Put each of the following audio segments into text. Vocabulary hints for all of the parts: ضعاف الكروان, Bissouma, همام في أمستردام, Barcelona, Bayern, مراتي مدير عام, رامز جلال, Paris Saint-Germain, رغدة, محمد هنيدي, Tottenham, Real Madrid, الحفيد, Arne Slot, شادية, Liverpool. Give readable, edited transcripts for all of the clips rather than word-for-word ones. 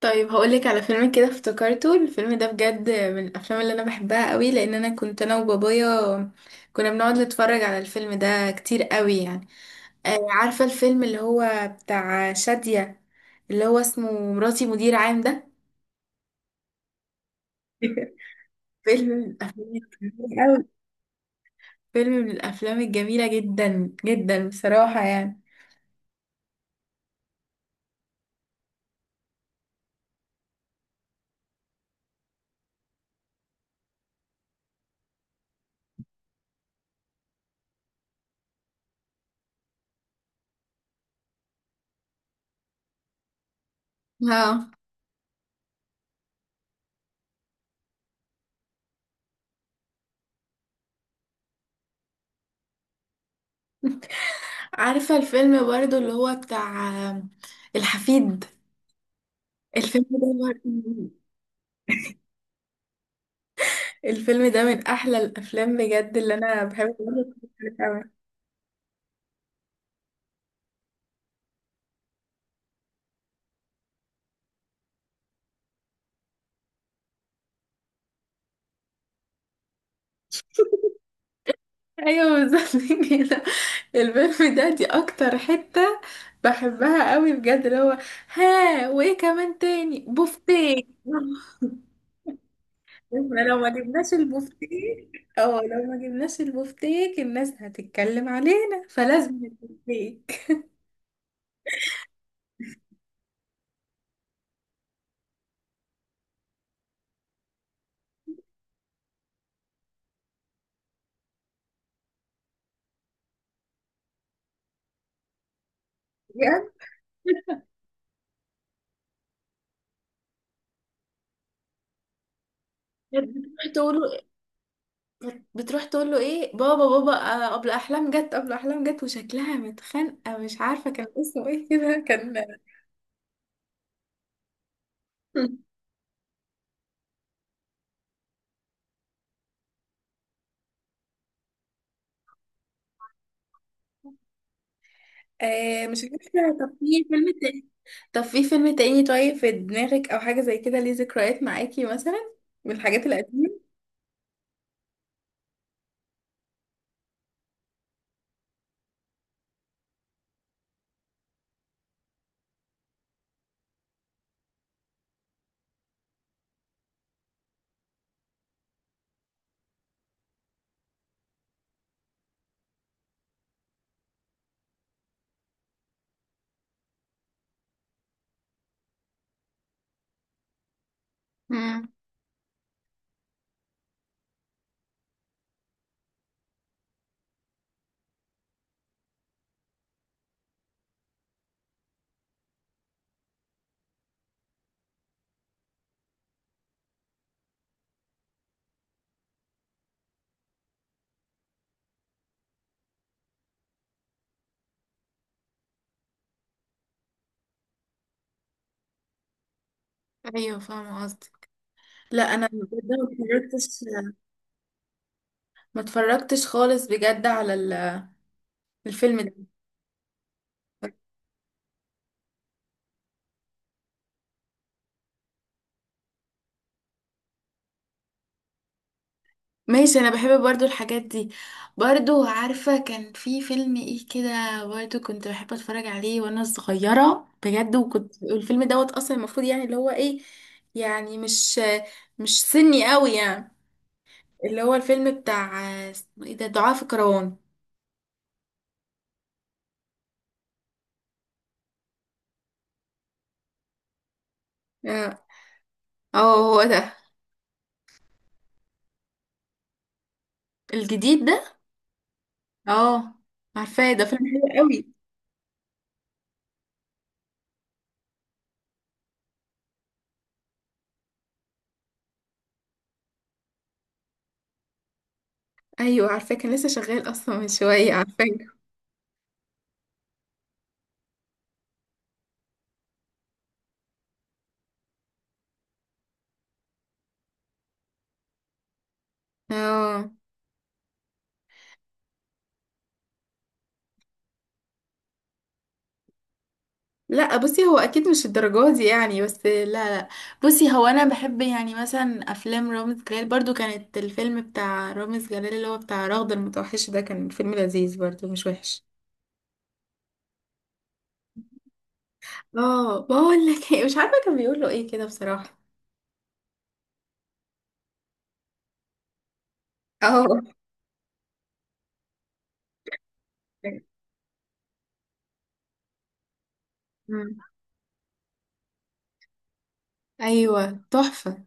طيب، هقولك على فيلم كده افتكرته. الفيلم ده بجد من الافلام اللي انا بحبها قوي لان انا كنت انا وبابايا كنا بنقعد نتفرج على الفيلم ده كتير قوي يعني. عارفة الفيلم اللي هو بتاع شادية، اللي هو اسمه مراتي مدير عام ده. فيلم من الافلام الجميلة قوي، فيلم من الافلام الجميلة جدا جدا بصراحة يعني. اه، عارفة الفيلم برضو اللي هو بتاع الحفيد، الفيلم ده الفيلم ده من احلى الافلام بجد اللي انا بحب. أوي. ايوه بالظبط. كده الفيلم ده دي اكتر حتة بحبها قوي بجد، اللي هو. ها، وايه كمان تاني؟ بوفتيك. احنا لو ما جبناش البوفتيك او لو ما جبناش البوفتيك، الناس هتتكلم علينا، فلازم البوفتيك. بجد تقولوا. بتروح تقول له ايه؟ بابا بابا، قبل احلام جت وشكلها متخانقه مش عارفه كان اسمه ايه كده كان. آه، مش فاكره. طب في فيلم تاني طب في فيلم تاني طيب، في دماغك او حاجه زي كده ليه ذكريات معاكي مثلا، من الحاجات القديمه؟ امم. ايوه، فاهمه قصدي. لا انا بجد ما اتفرجتش خالص بجد على الفيلم ده. ماشي، انا بحب برضو الحاجات دي. برضو عارفة كان في فيلم ايه كده؟ برضو كنت بحب اتفرج عليه وانا صغيرة بجد، وكنت الفيلم دوت اصلا المفروض يعني اللي هو ايه، يعني مش سني قوي يعني، اللي هو الفيلم بتاع اسمه ايه ده؟ ضعاف الكروان. اه. هو ده، الجديد ده. اه، عارفاه، ده فيلم حلو قوي. ايوه عارفاه، كان لسه شغال اصلا من شوية، عارفاه. اه، لا بصي هو اكيد مش الدرجات دي يعني، بس لا، لا. بصي هو انا بحب يعني مثلا افلام رامز جلال برضو، كانت الفيلم بتاع رامز جلال اللي هو بتاع رغدة المتوحشة ده كان فيلم لذيذ برضو، مش وحش. اه، بقول لك إيه، مش عارفة كان بيقول له ايه كده بصراحة. اه. مم. ايوه تحفة.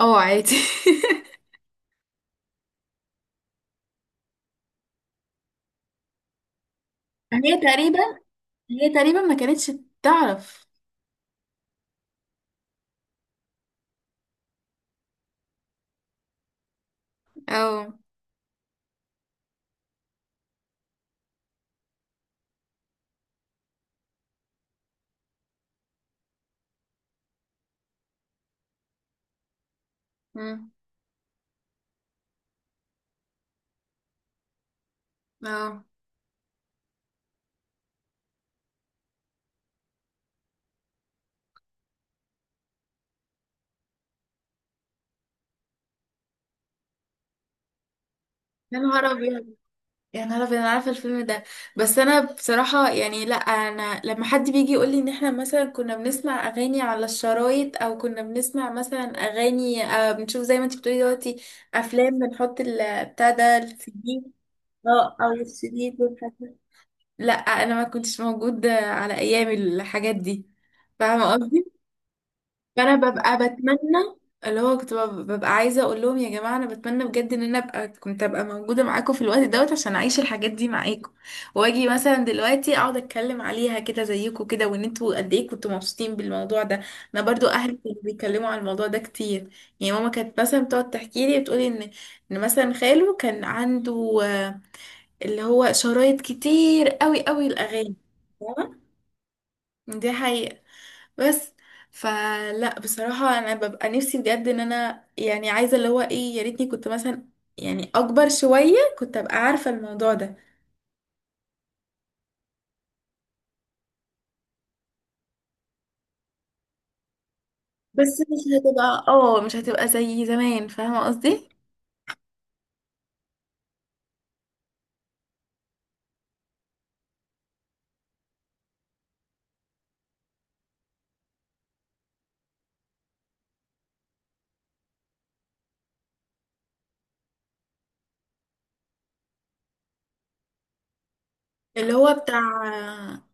اه، عادي. هي تقريبا هي تقريبا ما كانتش تعرف. اه. مم. اه. يا نهار ابيض، يا نهار أبيض، انا عارفه الفيلم ده. بس انا بصراحه يعني، لا انا لما حد بيجي يقول لي ان احنا مثلا كنا بنسمع اغاني على الشرايط، او كنا بنسمع مثلا اغاني، بنشوف زي ما انت بتقولي دلوقتي افلام، بنحط بتاع ده السي دي. اه، او السي دي دول حاجة. لا انا ما كنتش موجود على ايام الحاجات دي، فاهمه قصدي؟ فانا ببقى بتمنى، اللي هو كنت ببقى عايزه اقول لهم يا جماعه، انا بتمنى بجد ان انا كنت ابقى موجوده معاكم في الوقت دوت عشان اعيش الحاجات دي معاكم، واجي مثلا دلوقتي اقعد اتكلم عليها كده زيكم كده، وان انتوا قد ايه كنتوا مبسوطين بالموضوع ده. انا برضو اهلي كانوا بيتكلموا على الموضوع ده كتير، يعني ماما كانت مثلا بتقعد تحكي لي، بتقولي ان مثلا خاله كان عنده، اللي هو شرايط كتير قوي قوي الاغاني. فاهمة؟ دي حقيقة، بس. فلا بصراحة أنا ببقى نفسي بجد إن أنا يعني عايزة اللي هو إيه، يا ريتني كنت مثلا يعني أكبر شوية كنت أبقى عارفة الموضوع ده، بس مش هتبقى. اه، مش هتبقى زي زمان، فاهمة قصدي؟ اللي هو بتاع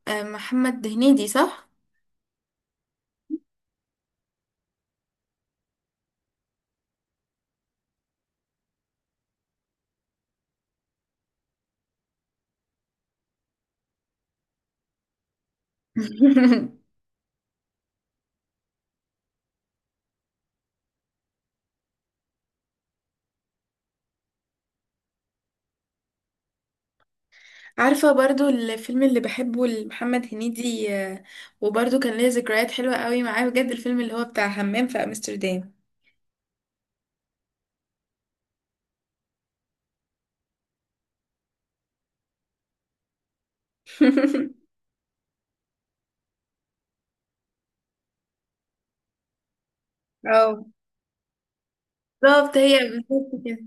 محمد هنيدي، صح؟ عارفة برضو الفيلم اللي بحبه لمحمد هنيدي، وبرضو كان ليا ذكريات حلوة قوي معاه بجد، الفيلم اللي هو بتاع همام في أمستردام. اه بالظبط، هي بالظبط كده.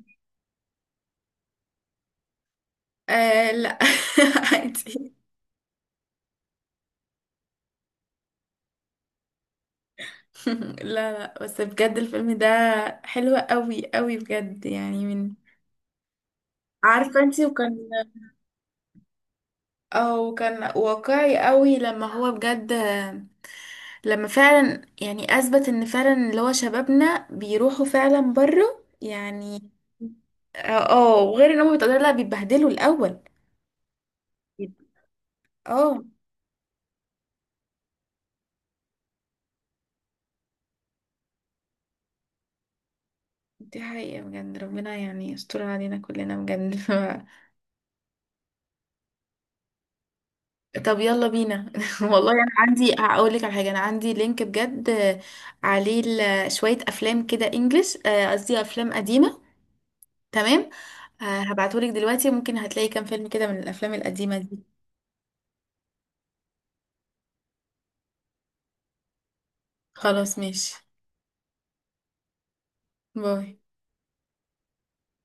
آه لا. عادي. لا، لا، بس بجد الفيلم ده حلو قوي قوي بجد، يعني من، عارفة انتي؟ او كان واقعي قوي لما هو بجد لما فعلا يعني اثبت ان فعلا اللي هو شبابنا بيروحوا فعلا بره يعني. اه، وغير ان هم بيتقدروا، لا بيتبهدلوا الاول. اه. دي حقيقة بجد، ربنا يعني يستر علينا كلنا بجد. طب يلا بينا. والله انا عندي، هقول لك على حاجة، انا عندي لينك بجد، عليه شوية افلام كده انجلش، قصدي افلام قديمة. تمام. هبعته لك دلوقتي، ممكن هتلاقي كام فيلم كده من الافلام القديمة دي. خلاص ماشي. باي.